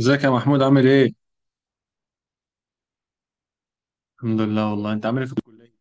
ازيك يا محمود عامل ايه؟ الحمد لله والله انت عامل ايه في الكلية؟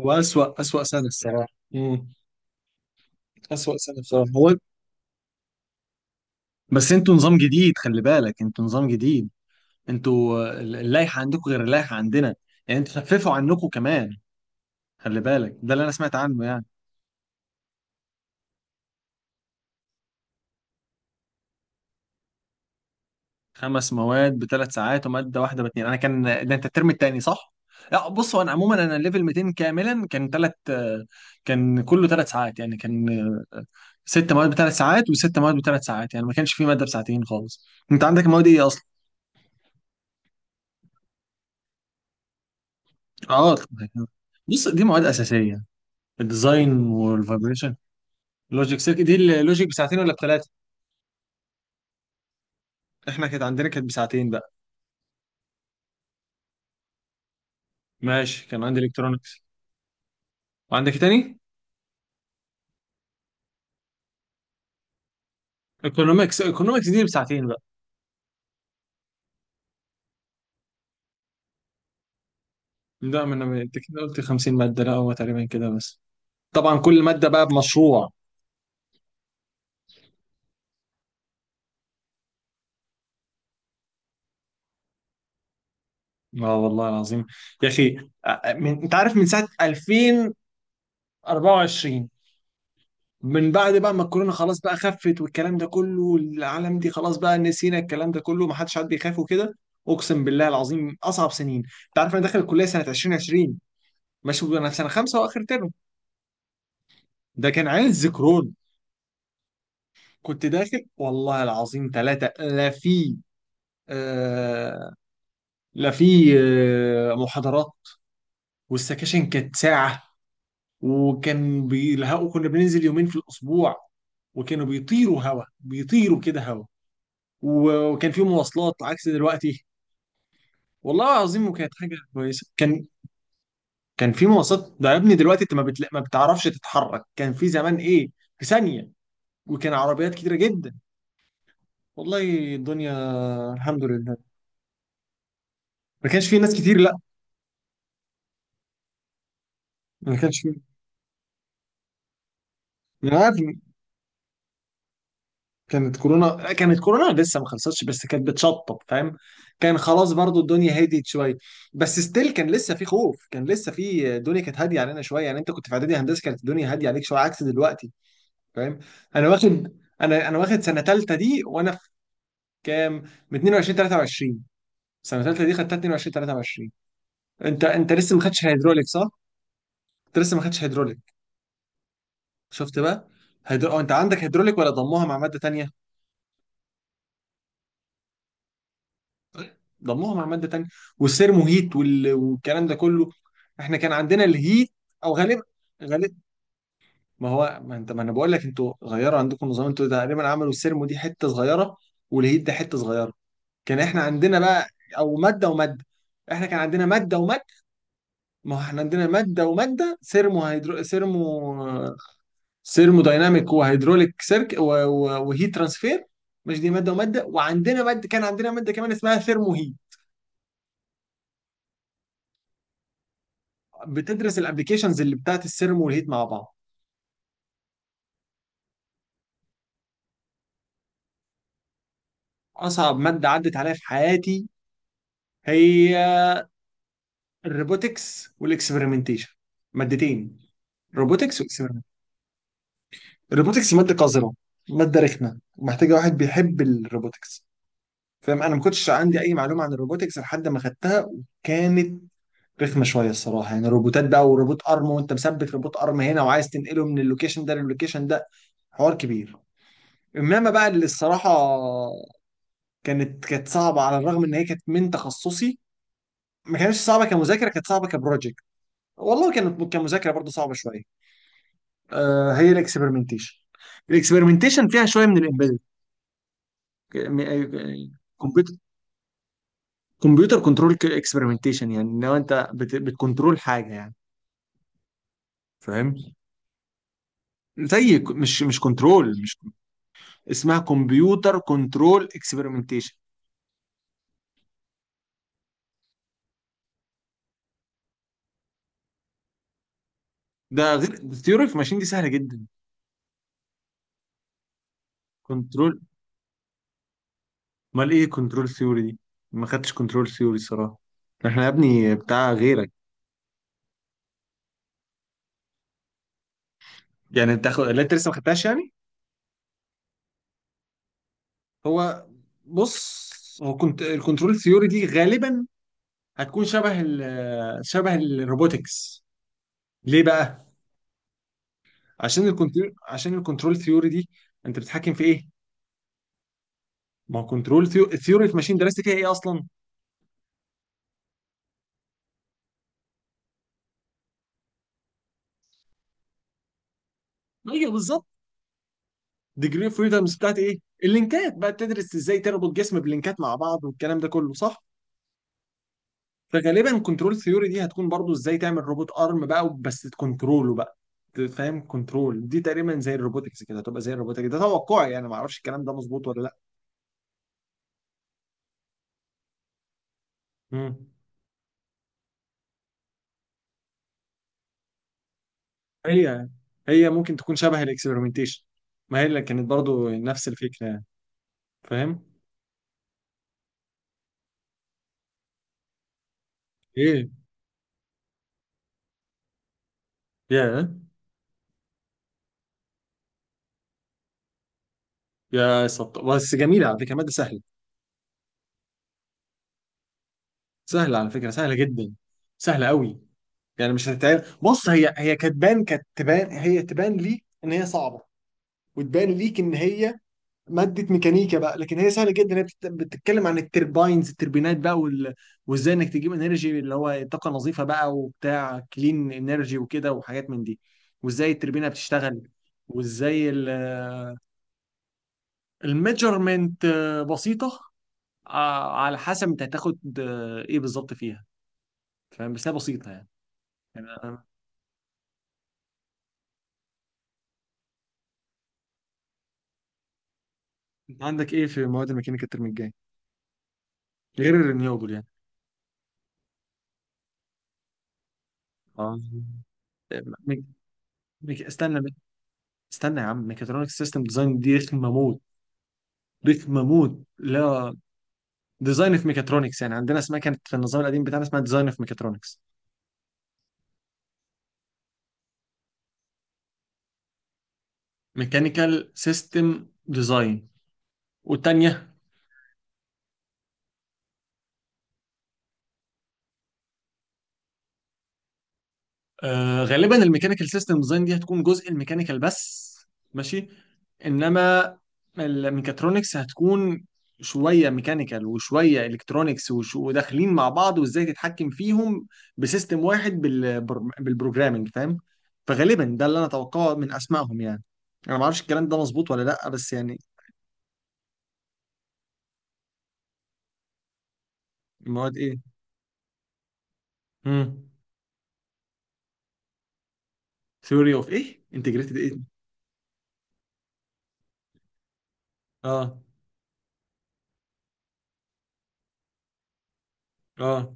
هو أسوأ سنة الصراحة. امم أسوأ سنة بصراحة هو. بس انتوا نظام جديد، خلي بالك انتوا نظام جديد. انتوا اللائحة عندكم غير اللائحة عندنا. يعني انتوا خففوا عنكم كمان، خلي بالك ده اللي انا سمعت عنه يعني. خمس مواد بثلاث ساعات ومادة واحدة باتنين، انا كان ده انت الترم التاني صح؟ لا بص، هو انا عموما انا ليفل 200 كاملا كان ثلاث، كان كله ثلاث ساعات يعني، كان ست مواد بثلاث ساعات وست مواد بثلاث ساعات يعني ما كانش في ماده بساعتين خالص. انت عندك المواد ايه اصلا؟ اه طبعاً. بص دي مواد اساسيه، الديزاين والفايبريشن. لوجيك سيركت، دي اللوجيك بساعتين ولا بثلاثه؟ احنا كانت عندنا كانت بساعتين بقى. ماشي، كان عندي الكترونكس. وعندك إيه تاني؟ ايكونومكس، ايكونومكس دي بساعتين بقى. لا ما انا انت كده قلت 50 ماده، لا هو تقريبا كده بس. طبعا كل ماده بقى بمشروع. اه والله العظيم يا اخي. انت عارف من ساعه 2024، 2024، من بعد بقى ما الكورونا خلاص بقى خفت والكلام ده كله، والعالم دي خلاص بقى نسينا الكلام ده كله، ما حدش عاد بيخاف وكده. اقسم بالله العظيم اصعب سنين. انت عارف انا داخل الكليه سنه 2020. ماشي انا في سنه خمسه واخر ترم، ده كان عز كورونا. كنت داخل والله العظيم ثلاثه، لا في آه لا في محاضرات، والسكاشن كانت ساعه، وكان بيلحقوا، كنا بننزل يومين في الاسبوع، وكانوا بيطيروا هوا، بيطيروا كده هوا، وكان في مواصلات عكس دلوقتي. والله العظيم وكانت حاجه كويسه كان، كان في مواصلات ده يا ابني. دلوقتي انت ما بتعرفش تتحرك. كان في زمان ايه، في ثانيه، وكان عربيات كتيره جدا، والله الدنيا. الحمد لله ما كانش في ناس كتير لا، ما كانش في. انا عارف إن كانت كورونا، كانت كورونا لسه ما خلصتش بس كانت بتشطب فاهم، كان خلاص برضو الدنيا هديت شويه. بس ستيل كان لسه في خوف، كان لسه في، الدنيا كانت هاديه علينا شويه. يعني انت كنت في اعدادي هندسه كانت الدنيا هاديه عليك شويه عكس دلوقتي فاهم. انا واخد، انا واخد سنه ثالثه دي وانا في كام، من 22 23، سنه ثالثه دي خدتها 22 23. انت لسه ما خدتش هيدروليك صح؟ انت لسه ما خدتش هيدروليك، شفت بقى. أو انت عندك هيدروليك ولا ضموها مع ماده تانية؟ ضموها مع ماده تانية، والسيرمو هيت والكلام ده كله. احنا كان عندنا الهيت، او غالبا، غالبا. ما هو ما انا بقول لك انتوا غيروا عندكم نظام، انتوا تقريبا عملوا السيرمو دي حته صغيره والهيت ده حته صغيره. كان احنا عندنا بقى او ماده وماده، احنا كان عندنا ماده وماده. ما هو احنا عندنا ماده وماده، سيرمو هيدرو سيرمو، سيرمو دايناميك وهيدروليك سيرك وهيت ترانسفير. مش دي ماده وماده، وعندنا ماده، كان عندنا ماده كمان اسمها ثيرمو هيت، بتدرس الابلكيشنز اللي بتاعت السيرمو والهيت مع بعض. اصعب ماده عدت عليا في حياتي هي الروبوتكس والاكسبيرمنتيشن، مادتين، روبوتكس واكسبيرمنت. الروبوتكس ماده قذره، ماده رخمه، محتاجه واحد بيحب الروبوتكس فاهم. انا ما كنتش عندي اي معلومه عن الروبوتكس لحد ما خدتها، وكانت رخمه شويه الصراحه يعني، روبوتات بقى وروبوت ارم وانت مثبت روبوت ارم هنا وعايز تنقله من اللوكيشن ده للوكيشن ده، حوار كبير. انما بقى اللي الصراحه كانت صعبه على الرغم ان هي كانت من تخصصي، ما كانتش صعبه كمذاكره، كانت صعبه كبروجكت، والله كانت كمذاكره برضه صعبه شويه. آه هي الاكسبيرمنتيشن، الاكسبيرمنتيشن فيها شويه من الامبيدد. كمبيوتر كنترول اكسبيرمنتيشن، يعني لو انت بتكنترول حاجه يعني فاهم. زي مش كنترول مش، اسمها كمبيوتر كنترول اكسبيرمنتيشن. ده غير الثيوري اوف ماشين دي سهله جدا. كنترول، امال ايه كنترول ثيوري دي؟ ما خدتش كنترول ثيوري صراحه، احنا يا ابني بتاع غيرك. يعني لا انت لسه ما خدتهاش يعني. هو، بص، هو كنت الكنترول ثيوري دي غالبا هتكون شبه شبه الروبوتكس. ليه بقى؟ عشان الكنترول، عشان الكنترول ثيوري دي انت بتتحكم في ايه؟ ما هو كنترول ثيوري في ماشين درست فيها ايه اصلا؟ ايوه بالظبط. ديجري اوف فريدمز بتاعت ايه؟ اللينكات بقى، بتدرس ازاي تربط جسم بلينكات مع بعض والكلام ده كله صح؟ فغالبا كنترول ثيوري دي هتكون برضو ازاي تعمل روبوت ارم بقى بس تكنتروله بقى فاهم. كنترول دي تقريبا زي الروبوتكس كده، هتبقى زي الروبوتكس، ده توقعي يعني، ما اعرفش الكلام ده مظبوط ولا لا. مم. هي، هي ممكن تكون شبه الاكسبيرمنتيشن، ما هي اللي كانت برضو نفس الفكره يعني فاهم؟ ايه يا بس جميله على فكره، ماده سهله. سهله على فكره، سهله جدا، سهله قوي، يعني مش هتتعب. بص هي، هي كتبان كتبان، هي تبان ليك ان هي صعبه وتبان ليك ان هي ماده ميكانيكا بقى لكن هي سهله جدا. هي بتتكلم عن الترباينز، التربينات بقى وازاي انك تجيب انرجي اللي هو طاقه نظيفه بقى وبتاع كلين انرجي وكده وحاجات من دي، وازاي التربينه بتشتغل، وازاي الميجرمنت. بسيطة. على حسب انت هتاخد ايه بالظبط فيها فاهم، بس هي بسيطه يعني. يعني انت عندك ايه في مواد الميكانيكا الترم الجاي غير الرينيوبل يعني؟ اه. ميك... استنى استنى يا عم، ميكاترونكس سيستم ديزاين دي رخمه موت، رخمه موت. لا، ديزاين في ميكاترونكس، يعني عندنا اسمها كانت في النظام القديم بتاعنا اسمها ديزاين في ميكاترونكس. ميكانيكال سيستم ديزاين، والتانية، آه غالبا الميكانيكال سيستم ديزاين دي هتكون جزء الميكانيكال بس، ماشي. انما الميكاترونكس هتكون شويه ميكانيكال وشويه الكترونكس وداخلين مع بعض وازاي تتحكم فيهم بسيستم واحد بالبروجرامنج فاهم. فغالبا ده اللي انا اتوقعه من اسمائهم يعني. انا ما اعرفش الكلام ده مظبوط ولا لا بس يعني. المواد ايه؟ امم. ثيوري اوف ايه، انتجريتد ايه؟ اه. اه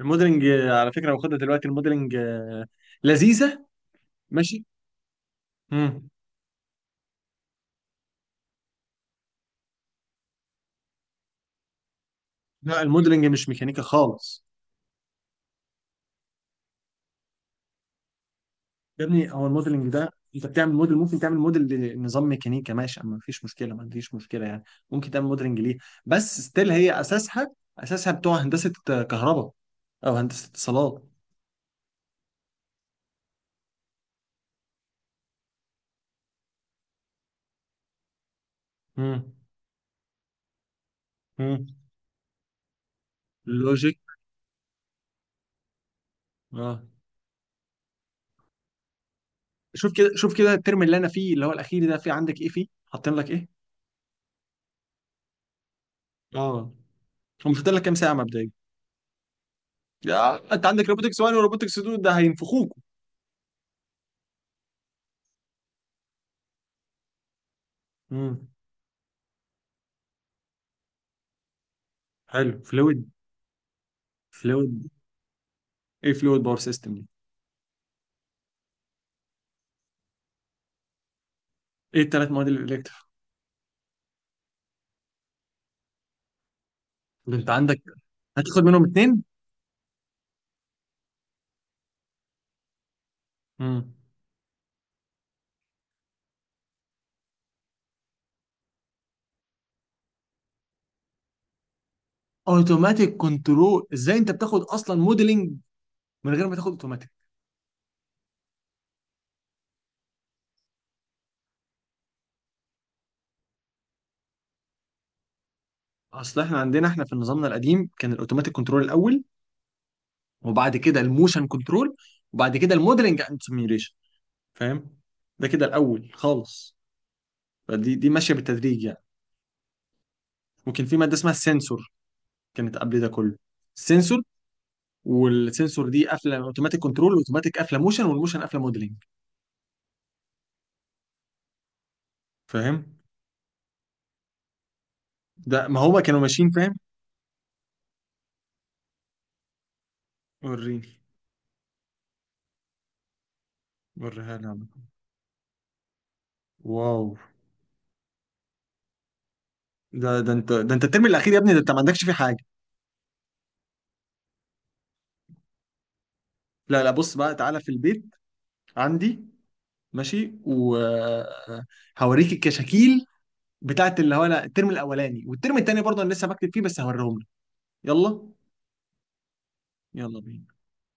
الموديلنج، على فكره واخدها دلوقتي الموديلنج، لذيذه. ماشي. امم. لا الموديلنج مش ميكانيكا خالص. يا ابني هو الموديلنج ده، انت بتعمل موديل، ممكن تعمل موديل لنظام ميكانيكا، ماشي، اما مفيش مشكله، ما فيش مشكله يعني، ممكن تعمل موديلنج ليه. بس ستيل هي اساسها، اساسها بتوع هندسه كهرباء او هندسه اتصالات. امم. امم. لوجيك اه. شوف كده، شوف كده الترم اللي انا فيه اللي هو الاخير ده، في عندك ايه فيه، حاطين لك ايه؟ اه. هم حاطين لك كام ساعه مبدئيا؟ يا انت عندك روبوتكس 1 وروبوتكس 2، ده هينفخوك. امم. حلو فلويد، فلويد. ايه فلويد باور سيستم دي؟ ايه الثلاث مواد الالكتف اللي انت عندك، هتاخد منهم اتنين؟ امم. اوتوماتيك كنترول، ازاي انت بتاخد اصلا موديلنج من غير ما تاخد اوتوماتيك؟ اصل احنا عندنا، احنا في نظامنا القديم كان الاوتوماتيك كنترول الاول، وبعد كده الموشن كنترول، وبعد كده الموديلنج اند سيميوليشن فاهم. ده كده الاول خالص. فدي، دي ماشيه بالتدريج يعني. ممكن في ماده اسمها السنسور كانت قبل ده كله. السنسور، والسنسور دي قافله اوتوماتيك كنترول، واوتوماتيك قافله موشن، والموشن قافله موديلنج فاهم. ده ما هو كانوا ماشيين فاهم. وريني، وريها لي عم. واو، ده انت الترم الاخير يا ابني، ده انت ما عندكش فيه حاجه. لا لا، بص بقى تعالى في البيت عندي، ماشي وهوريك الكشاكيل بتاعت اللي هو، لا الترم الاولاني والترم التاني برضه انا لسه بكتب فيه، بس هوريهم لك. يلا. يلا بينا.